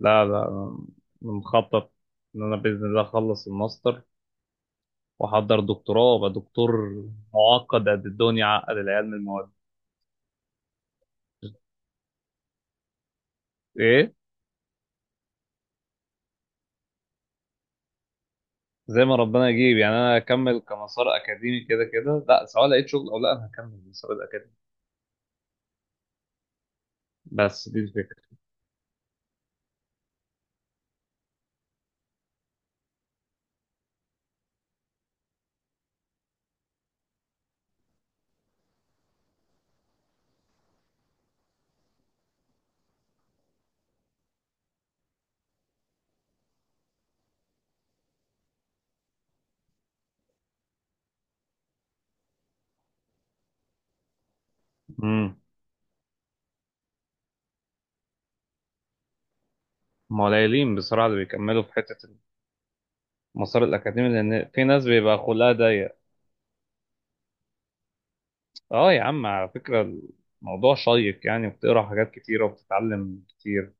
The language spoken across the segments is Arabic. لا لا أنا مخطط إن أنا بإذن الله أخلص الماستر وأحضر دكتوراه وأبقى دكتور معقد قد الدنيا عقد العيال من المواد. إيه. زي ما ربنا يجيب، يعني أنا أكمل كمسار أكاديمي كده كده، لا، سواء لقيت شغل أو لا أنا هكمل المسار الأكاديمي. بس دي الفكرة. امم. هم قليلين بصراحة اللي بيكملوا في حتة المسار الأكاديمي، لأن في ناس بيبقى خلقها ضيق. أه يا عم على فكرة الموضوع شيق يعني، وبتقرا حاجات كتيرة وبتتعلم كتير.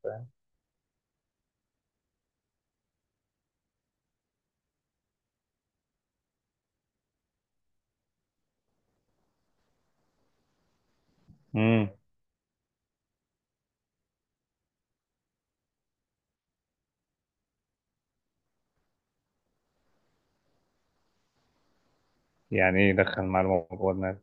امم. يعني ايه يدخل مع الموضوع ده؟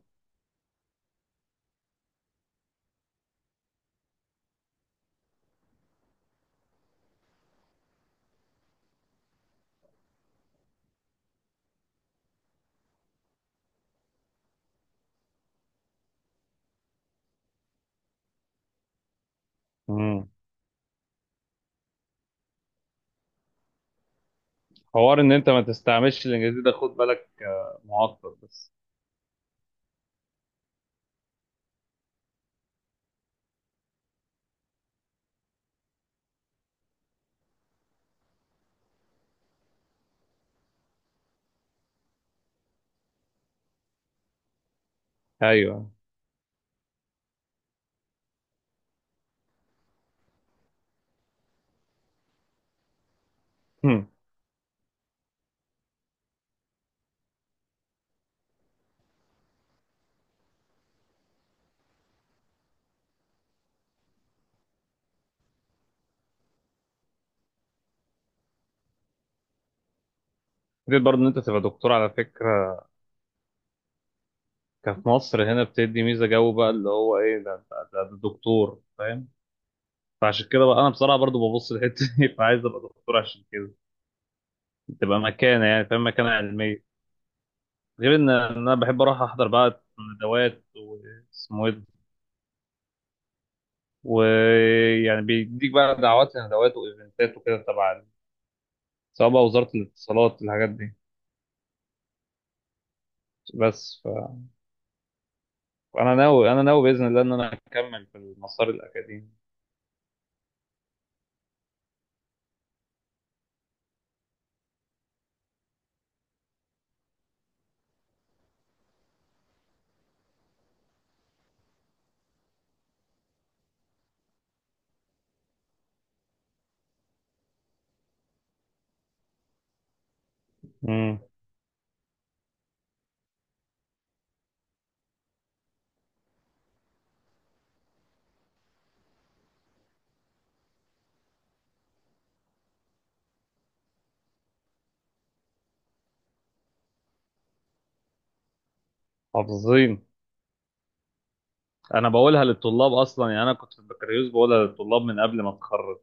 مم. حوار ان انت ما تستعملش الانجليزي ده خد بالك معقد بس. ايوه. هم. فكرة برضه ان انت تبقى دكتور على فكره، كفي مصر هنا بتدي ميزه جو بقى اللي هو ايه ده انت ده دكتور فاهم. فعشان كده بقى انا بصراحه برضه ببص للحته دي فعايز ابقى دكتور عشان كده تبقى مكانه، يعني فاهم، مكانه علميه. غير ان انا بحب اروح احضر بقى ندوات واسمه ايه ده، ويعني بيديك بقى دعوات لندوات وايفنتات وكده تبع، سواء بقى وزاره الاتصالات الحاجات دي. بس انا ناوي باذن الله ان انا اكمل في المسار الاكاديمي. امم. حافظين. انا بقولها للطلاب اصلا، يعني انا كنت في البكالوريوس بقولها للطلاب من قبل ما اتخرج.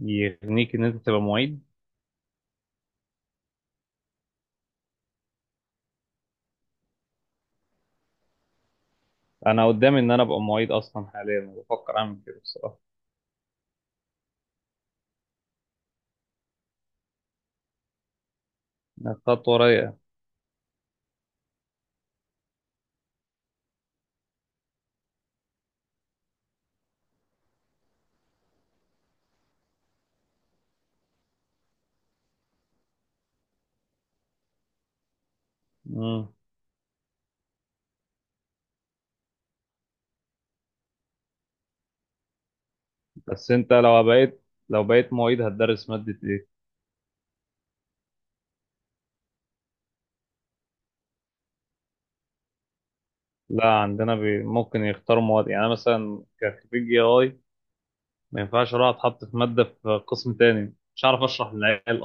يغنيك ان انت تبقى معيد. انا قدامي ان انا ابقى معيد اصلا، حاليا بفكر اعمل كده بصراحه. إنها خطوه رايقه. امم. بس انت لو بقيت معيد هتدرس ماده ايه؟ لا عندنا بي ممكن يختاروا مواد، يعني أنا مثلا كخريج اي اي ما ينفعش اروح اتحط في ماده في قسم تاني مش عارف اشرح للعيال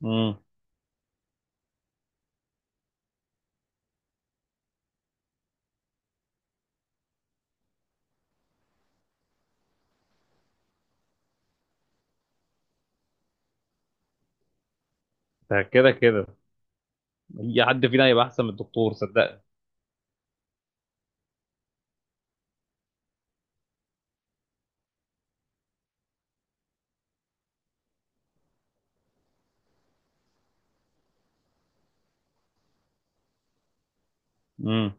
اصلا. ده كده كده اي حد فينا هيبقى احسن من الدكتور صدقني. امم.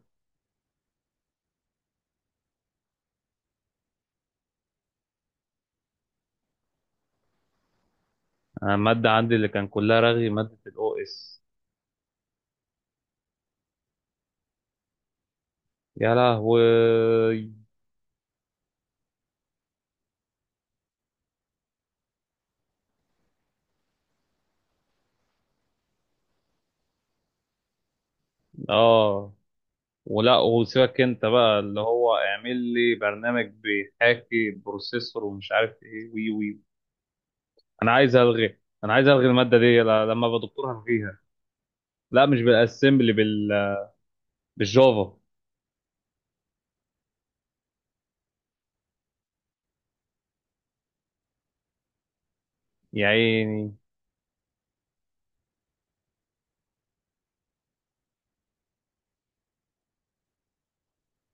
أنا الماده عندي اللي كان كلها رغي ماده الاو اس. يا لهوي. اه. ولا وسيبك انت بقى اللي هو اعمل لي برنامج بيحاكي بروسيسور ومش عارف ايه وي وي. انا عايز الغي انا عايز الغي الماده دي لما ابقى دكتور هلغيها. لا مش بالاسمبلي بالجافا. يا عيني.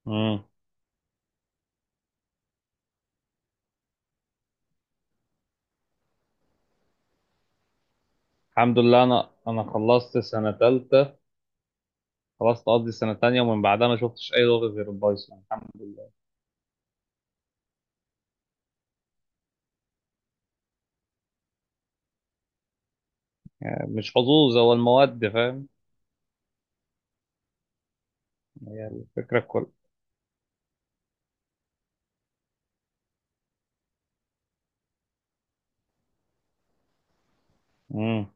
امم. الحمد لله انا خلصت سنه ثالثه. خلصت قصدي السنة التانية، ومن بعدها ما شفتش أي لغة غير البايثون الحمد لله. مش حظوظ، هو المواد فاهم. هي الفكرة الكل. امم.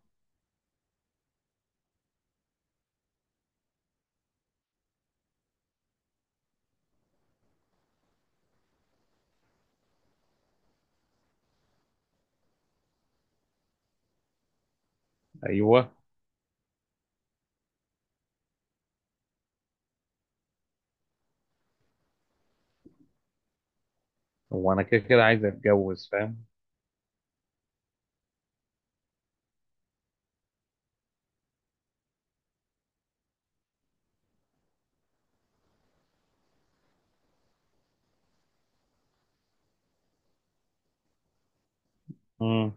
أيوه. هو أنا كده كده عايز أتجوز فاهم. امم.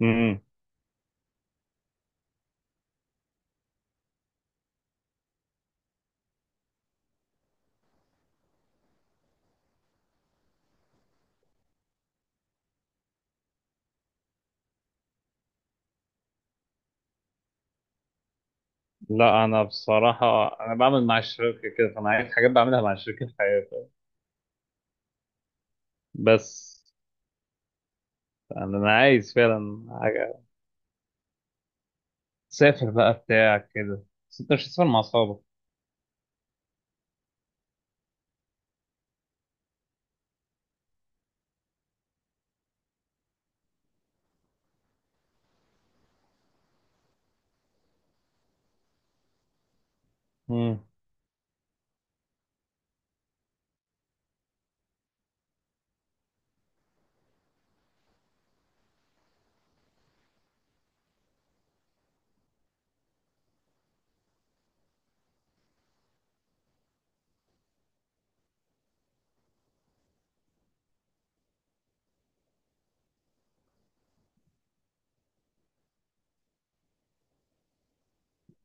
امم. لا أنا بصراحة أنا بعمل مع الشركة كده، فأنا عايز حاجات بعملها مع الشركة في حياتي. بس أنا عايز فعلا حاجة سافر بقى بتاع كده. بس أنت مش هتسافر مع أصحابك. امم.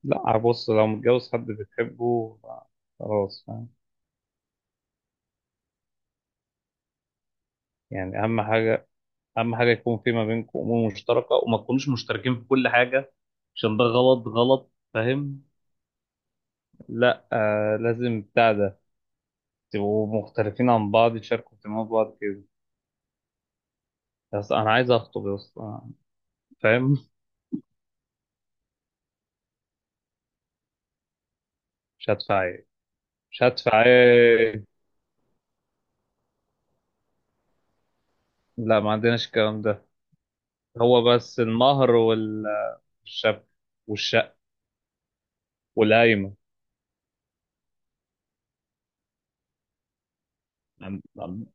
لا بص لو متجوز حد بتحبه خلاص فاهم. يعني أهم حاجة اهم حاجه يكون في ما بينكم امور مشتركه، وما تكونوش مشتركين في كل حاجه، عشان ده غلط غلط فاهم. لا آه لازم بتاع ده تبقوا مختلفين عن بعض، تشاركوا اهتمامات بعض كده. بس انا عايز اخطب يا اسطى فاهم. مش هدفع ايه؟ مش هدفع ايه؟ لا ما عندناش الكلام ده. هو بس المهر والشبكه والشقه والقايمه. عن- عن-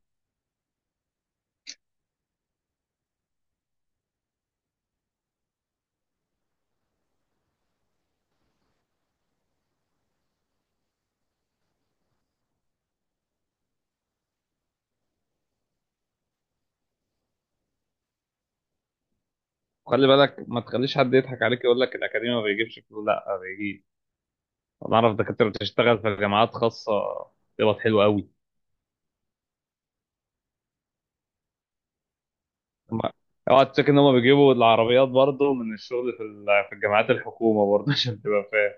خلي بالك ما تخليش حد يضحك عليك يقول لك الاكاديمي ما بيجيبش فلوس، لا ما بيجيب. انا اعرف دكاتره بتشتغل في جامعات خاصه. بيبقى حلو قوي. هما- اوعى تشك ان هم بيجيبوا العربيات برضه من الشغل في الجامعات الحكومه برضه عشان تبقى فاهم.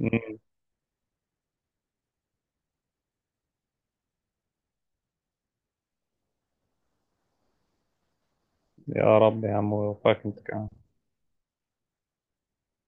مم. يا رب يا عم وفقك انت كمان.